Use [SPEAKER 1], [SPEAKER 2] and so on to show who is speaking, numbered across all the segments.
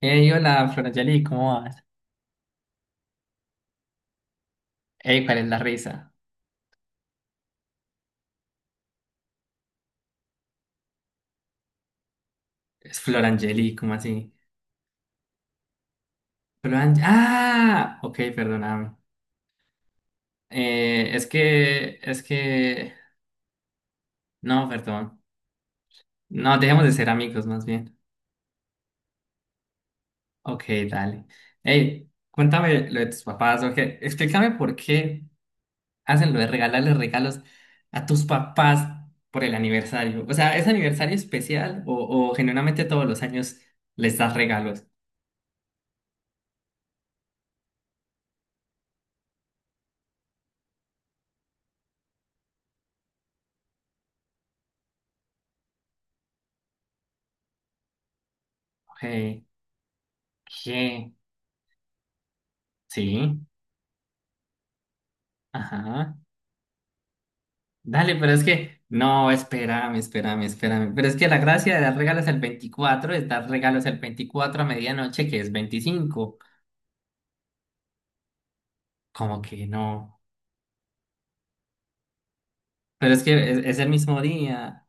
[SPEAKER 1] Hey, hola, Florangeli, ¿cómo vas? Hey, ¿cuál es la risa? Es Florangeli, ¿cómo así? ¡Ah! Ok, perdóname. Es que. No, perdón. No, dejemos de ser amigos, más bien. Ok, dale. Hey, cuéntame lo de tus papás, ok. Explícame por qué hacen lo de regalarles regalos a tus papás por el aniversario. O sea, ¿es aniversario especial o genuinamente todos los años les das regalos? Ok, ¿qué? Sí. Ajá. Dale, pero es que, no, espérame, espérame, espérame. Pero es que la gracia de dar regalos el 24 es dar regalos el 24 a medianoche, que es 25. Como que no. Pero es que es el mismo día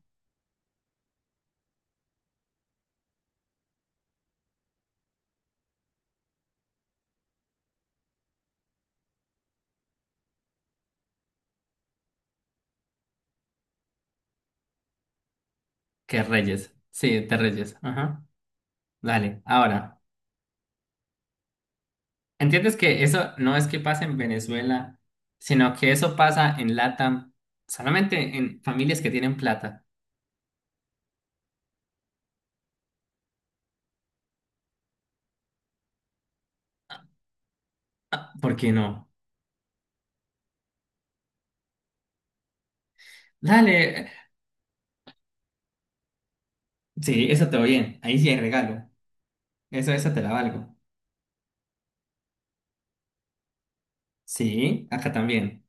[SPEAKER 1] que Reyes. Sí, de Reyes. Ajá. Dale, ahora, ¿entiendes que eso no es que pasa en Venezuela, sino que eso pasa en LATAM, solamente en familias que tienen plata? Ah, ¿por qué no? Dale, sí, eso te va bien. Ahí sí hay regalo. Eso te la valgo. Sí, acá también.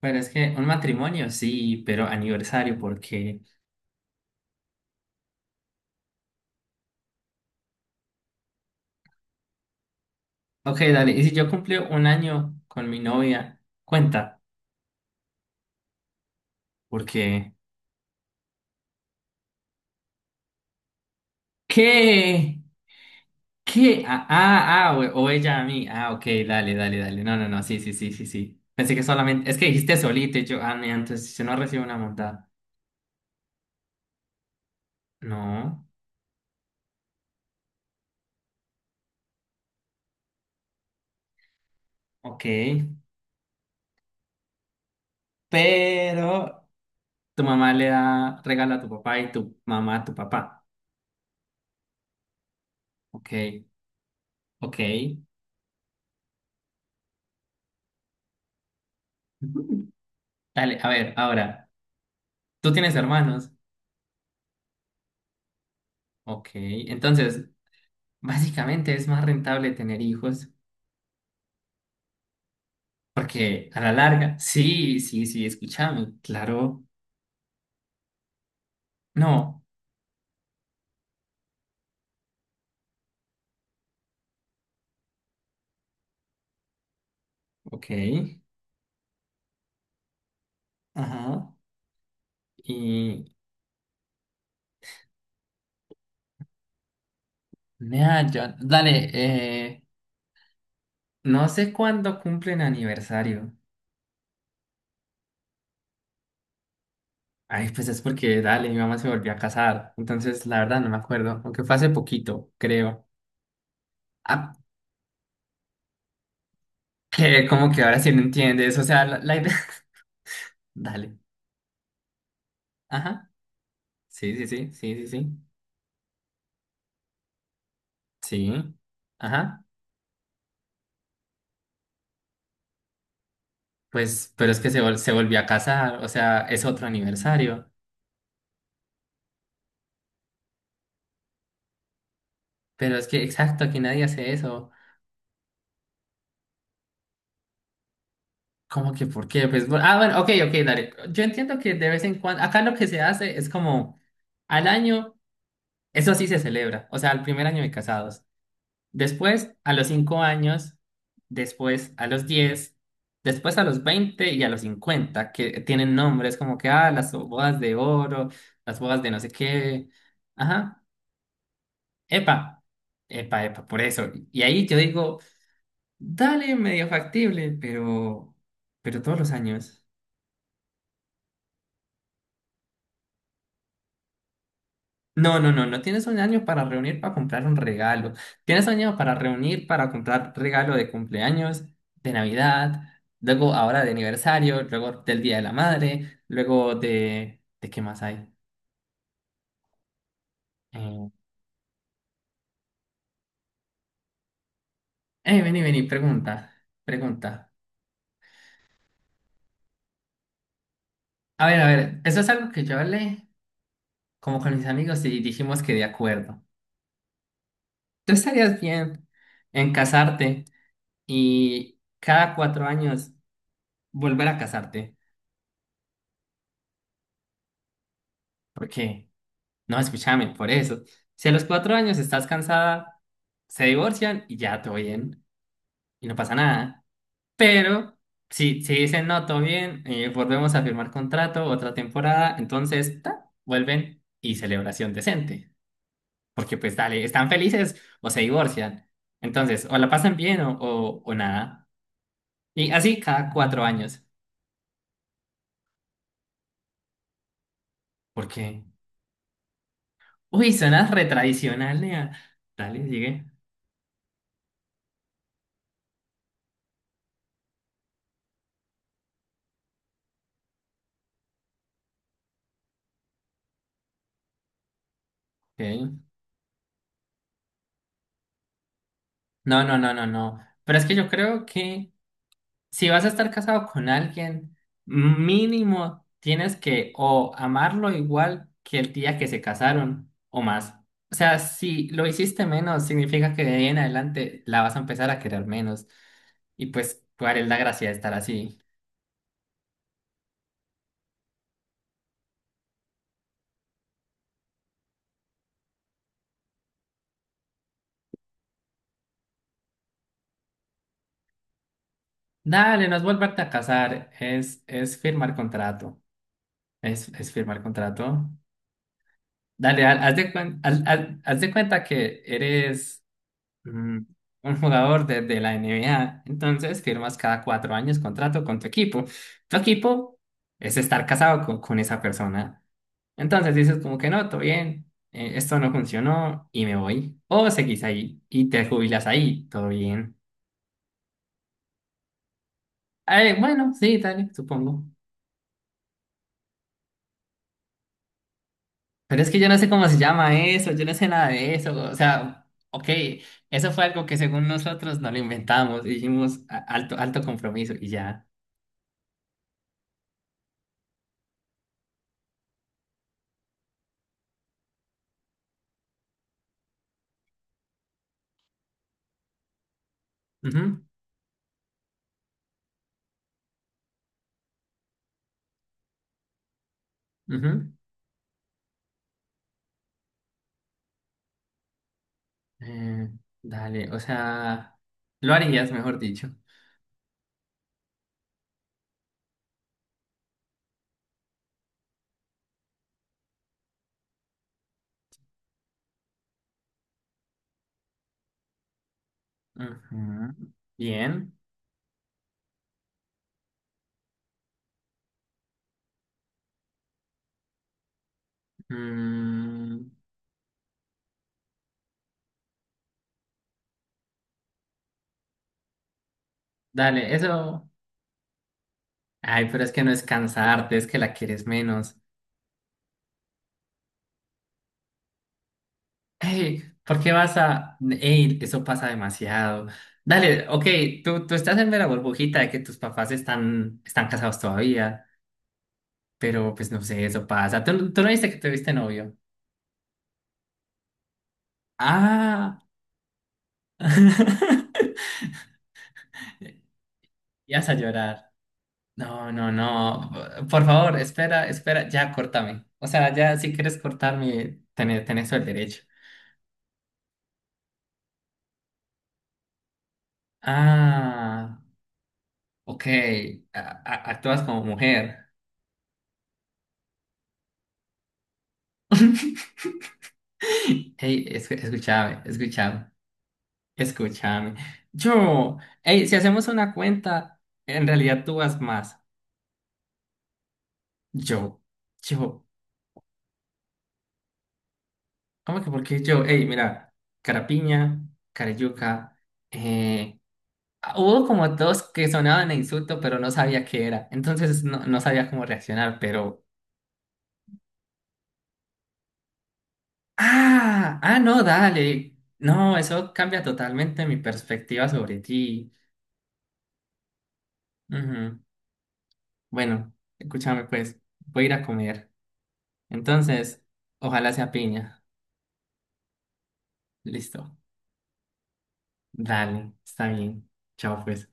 [SPEAKER 1] Pero es que un matrimonio sí, pero aniversario, porque. Ok, dale, y si yo cumplí un año con mi novia, cuenta, porque. ¿Qué? ¿Qué? Ah, ah, ah, o ella a mí. Ah, ok, dale, dale, dale. No, no, no, sí, sí, sí, sí, sí. Pensé que solamente. Es que dijiste solito y yo, ah, mira, entonces yo no recibo una montada. No, ok. Pero tu mamá le da regalo a tu papá y tu mamá a tu papá. Ok, ok. Dale, a ver, ahora, tú tienes hermanos, ok, entonces, básicamente es más rentable tener hijos, porque a la larga, sí, sí, sí, escúchame, claro, no, ok, ajá, y, nada, dale, no sé cuándo cumplen aniversario, ay, pues es porque, dale, mi mamá se volvió a casar, entonces, la verdad, no me acuerdo, aunque fue hace poquito, creo, ah, que como que ahora sí no entiendes, o sea, la idea, dale, ajá. Sí, sí, sí, sí, sí, sí. Sí. Ajá. Pues, pero es que se volvió a casar, o sea, es otro aniversario. Pero es que, exacto, aquí nadie hace eso. ¿Cómo que por qué? Pues, ah, bueno, ok, ok, dale. Yo entiendo que de vez en cuando, acá lo que se hace es como al año, eso sí se celebra, o sea, al primer año de casados. Después, a los 5 años, después a los 10, después a los 20 y a los 50, que tienen nombres como que, las bodas de oro, las bodas de no sé qué. Ajá, epa, epa, epa, por eso. Y ahí yo digo, dale, medio factible, pero todos los años. No, no, no, no tienes un año para reunir para comprar un regalo. Tienes un año para reunir para comprar regalo de cumpleaños, de Navidad, luego ahora de aniversario, luego del Día de la Madre, luego de... ¿De qué más hay? Eh, vení, vení, pregunta, pregunta. A ver, eso es algo que yo hablé como con mis amigos y dijimos que de acuerdo. ¿Tú estarías bien en casarte y cada 4 años volver a casarte? ¿Por qué? No, escúchame, por eso. Si a los 4 años estás cansada, se divorcian y ya todo bien. Y no pasa nada. Pero si, si dicen no, todo bien, volvemos a firmar contrato, otra temporada, entonces ta, vuelven y celebración decente. Porque pues dale, están felices o se divorcian. Entonces, o la pasan bien o nada. Y así cada 4 años. Porque, uy, suena retradicional, nea. Dale, sigue. Ok. No, no, no, no, no. Pero es que yo creo que si vas a estar casado con alguien, mínimo tienes que o amarlo igual que el día que se casaron o más. O sea, si lo hiciste menos, significa que de ahí en adelante la vas a empezar a querer menos. Y pues, ¿cuál es la gracia de estar así? Dale, no es volverte a casar, es firmar contrato. Es firmar contrato. Dale, haz de cuenta que eres mm, un jugador de la NBA. Entonces firmas cada 4 años contrato con tu equipo. Tu equipo es estar casado con esa persona. Entonces dices como que no, todo bien, esto no funcionó y me voy. O seguís ahí y te jubilas ahí, todo bien. Bueno, sí, dale, supongo. Pero es que yo no sé cómo se llama eso, yo no sé nada de eso. O sea, ok, eso fue algo que según nosotros no lo inventamos, dijimos alto, alto compromiso y ya. Ujú, ujú. Eh, Dale, o sea, lo harías, mejor dicho. Ujú, bien. Mm, Dale, eso. Ay, pero es que no es cansarte, es que la quieres menos. Ey, ¿por qué vas a...? Ey, eso pasa demasiado. Dale, ok, tú estás en la burbujita de que tus papás están, están casados todavía, pero pues no sé, eso pasa. ¿Tú, tú no viste que tuviste novio? Ah, ibas a llorar. No, no, no. Por favor, espera, espera. Ya, córtame. O sea, ya si quieres cortarme, tenés, tenés todo el derecho. Ah, ok. A- Actúas como mujer. Hey, escúchame, escúchame, escúchame. Yo, hey, si hacemos una cuenta, en realidad tú vas más. Yo, yo. ¿Cómo que por qué yo? Hey, mira, Carapiña, Carayuca, ah, hubo como dos que sonaban a insulto, pero no sabía qué era. Entonces no, no sabía cómo reaccionar, pero... Ah, ah, no, dale. No, eso cambia totalmente mi perspectiva sobre ti. Ujú. Bueno, escúchame pues, voy a ir a comer. Entonces, ojalá sea piña. Listo. Dale, está bien. Chao pues.